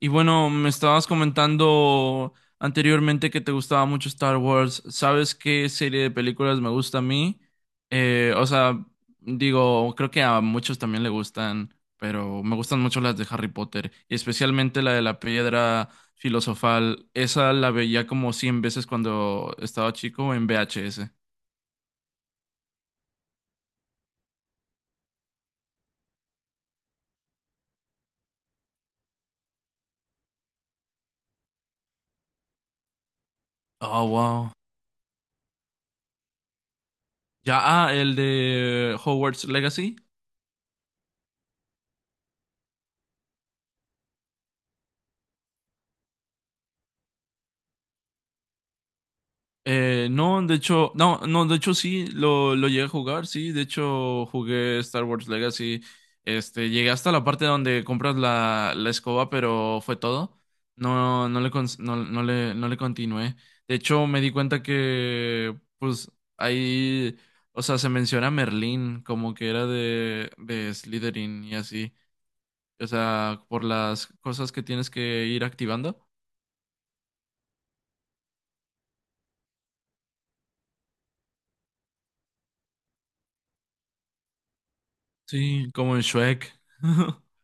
Y bueno, me estabas comentando anteriormente que te gustaba mucho Star Wars. ¿Sabes qué serie de películas me gusta a mí? Eh, o sea, digo, creo que a muchos también le gustan, pero me gustan mucho las de Harry Potter, y especialmente la de la piedra filosofal. Esa la veía como 100 veces cuando estaba chico en VHS. Oh, wow. Ya, ah, el de Hogwarts Legacy. No, de hecho, no, no, de hecho sí, lo llegué a jugar, sí, de hecho jugué Star Wars Legacy, este, llegué hasta la parte donde compras la escoba, pero fue todo, no, no le, cons- no, no le, no le continué, de hecho me di cuenta que, pues, ahí, o sea, se menciona Merlín, como que era de Slytherin y así, o sea, por las cosas que tienes que ir activando, sí, como en Shrek.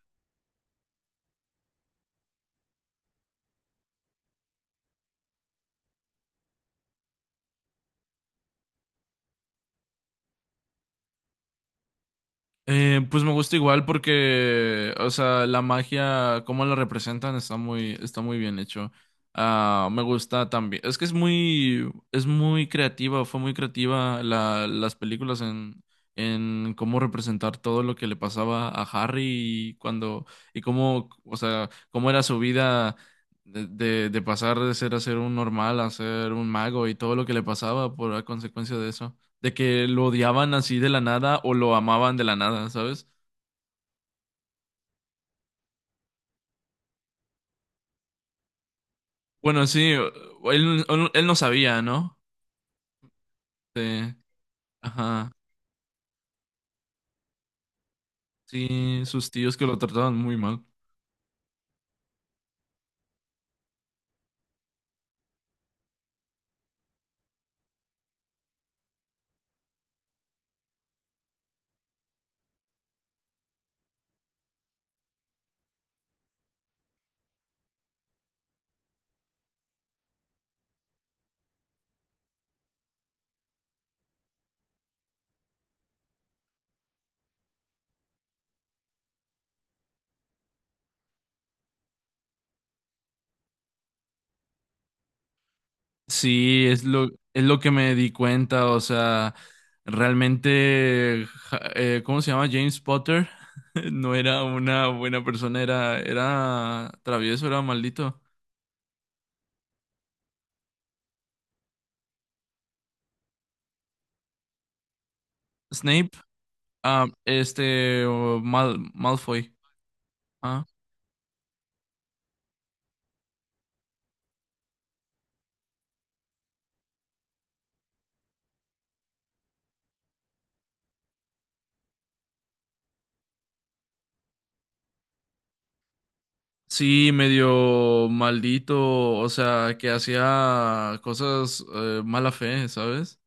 Pues me gusta igual porque, o sea, la magia, cómo la representan, está muy bien hecho. Ah, me gusta también. Es que es muy creativa, fue muy creativa las películas en cómo representar todo lo que le pasaba a Harry y cuando, y cómo, o sea, cómo era su vida de pasar de ser a ser un normal a ser un mago y todo lo que le pasaba por a consecuencia de eso de que lo odiaban así de la nada o lo amaban de la nada, ¿sabes? Bueno, sí, él no sabía, ¿no? Sí, ajá, sí, sus tíos que lo trataban muy mal. Sí, es lo que me di cuenta, o sea, realmente, ¿cómo se llama? James Potter no era una buena persona, era travieso, era maldito. Snape, Malfoy. Sí, medio maldito, o sea, que hacía cosas mala fe, ¿sabes?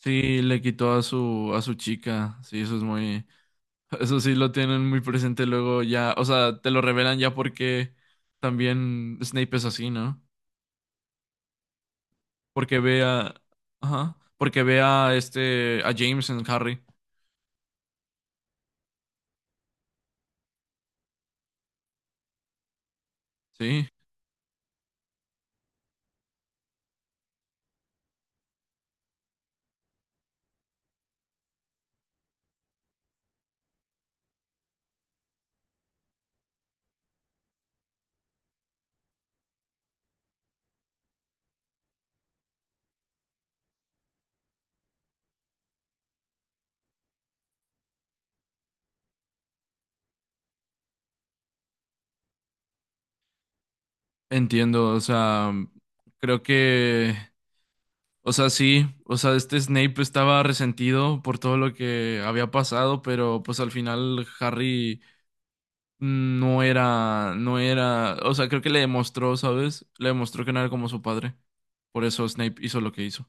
Sí, le quitó a su chica. Sí, eso es muy eso sí lo tienen muy presente luego ya, o sea, te lo revelan ya porque también Snape es así, ¿no? Porque ve a ajá, porque ve a este a James en Harry. Sí, entiendo, o sea, creo que o sea, sí, o sea, este Snape estaba resentido por todo lo que había pasado, pero pues al final Harry no era, o sea, creo que le demostró, ¿sabes? Le demostró que no era como su padre. Por eso Snape hizo lo que hizo.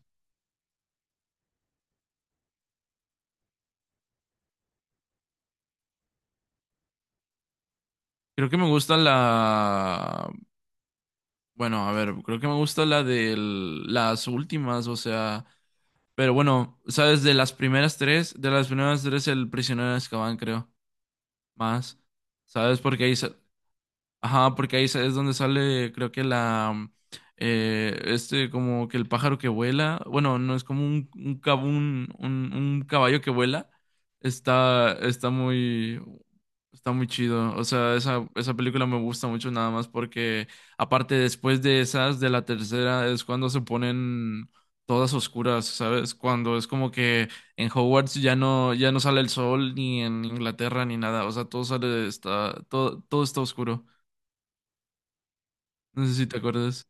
Creo que me gusta bueno, a ver, creo que me gusta la de las últimas, o sea, pero bueno, ¿sabes? De las primeras tres, el prisionero de Azkaban, creo, más. ¿Sabes? Porque ajá, porque ahí es donde sale, creo que como que el pájaro que vuela, bueno, no es como un caballo que vuela, está, está muy, está muy chido, o sea, esa película me gusta mucho nada más porque, aparte, después de esas, de la tercera, es cuando se ponen todas oscuras, ¿sabes? Cuando es como que en Hogwarts ya no sale el sol, ni en Inglaterra, ni nada, o sea, todo sale, todo está oscuro. No sé si te acuerdas.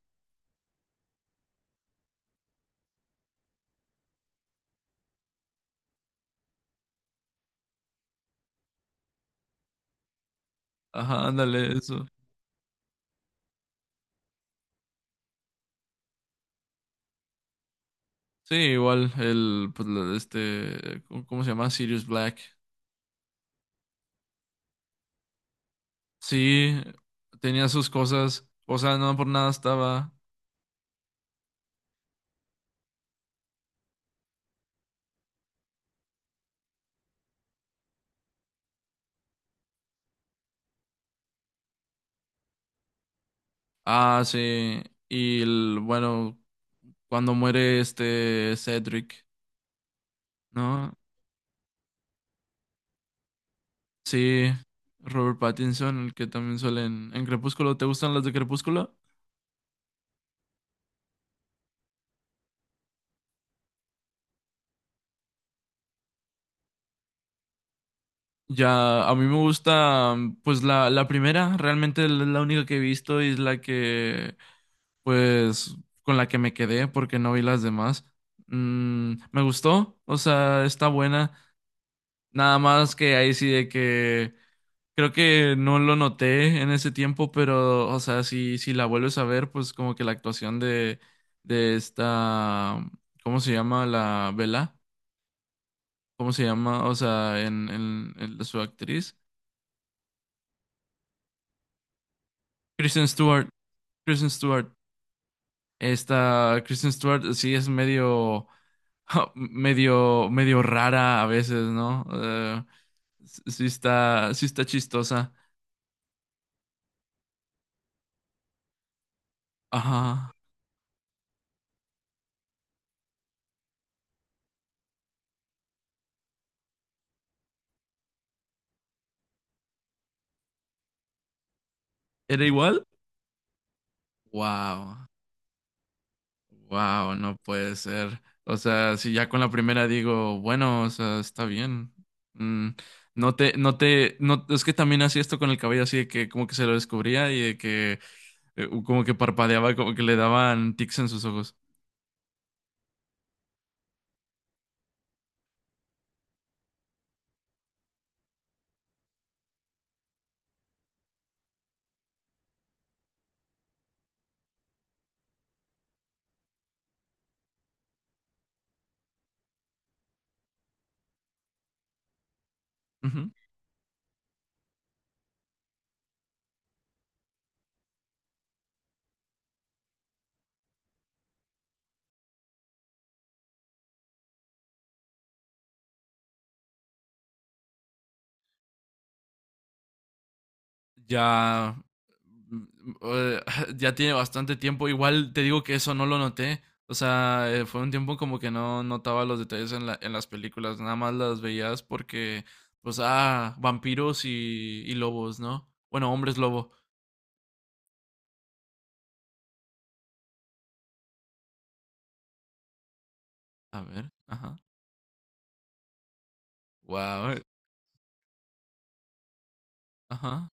Ajá, ándale, eso. Sí, igual, el, pues, la- este, ¿cómo cómo se llama? Sirius Black. Sí, tenía sus cosas. O sea, no por nada estaba. Ah, sí. Y el, bueno, cuando muere este Cedric, ¿no? Sí, Robert Pattinson, el que también suele en Crepúsculo. ¿Te gustan las de Crepúsculo? Ya, a mí me gusta, pues la primera, realmente es la única que he visto y es la que pues con la que me quedé porque no vi las demás. Mm, me gustó, o sea, está buena. Nada más que ahí sí de que creo que no lo noté en ese tiempo, pero o sea, si la vuelves a ver, pues como que la actuación de esta, ¿cómo se llama? La Vela, ¿cómo se llama? O sea, en su actriz. Kristen Stewart, Kristen Stewart. Esta Kristen Stewart sí es medio medio rara a veces, ¿no? Sí está chistosa. Ajá. ¿Era igual? Wow. Wow, no puede ser. O sea, si ya con la primera digo, bueno, o sea, está bien. Mm, no, es que también hacía esto con el cabello así de que como que se lo descubría y de que como que parpadeaba, como que le daban tics en sus ojos. Ya, mm, eh, ya tiene bastante tiempo. Igual te digo que eso no lo noté. O sea, fue un tiempo como que no notaba los detalles en en las películas, nada más las veías porque, pues, ah, vampiros y lobos, ¿no? Bueno, hombres lobo. A ver, ajá. Wow, ajá.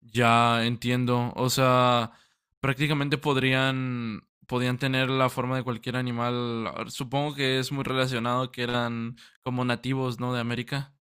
Ya entiendo. O sea, podían tener la forma de cualquier animal. Supongo que es muy relacionado que eran como nativos, ¿no? De América.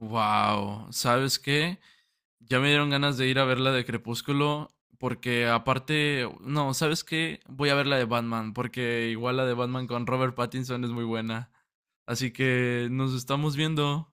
Wow, ¿sabes qué? Ya me dieron ganas de ir a ver la de Crepúsculo, porque aparte, no, ¿sabes qué? Voy a ver la de Batman, porque igual la de Batman con Robert Pattinson es muy buena. Así que nos estamos viendo.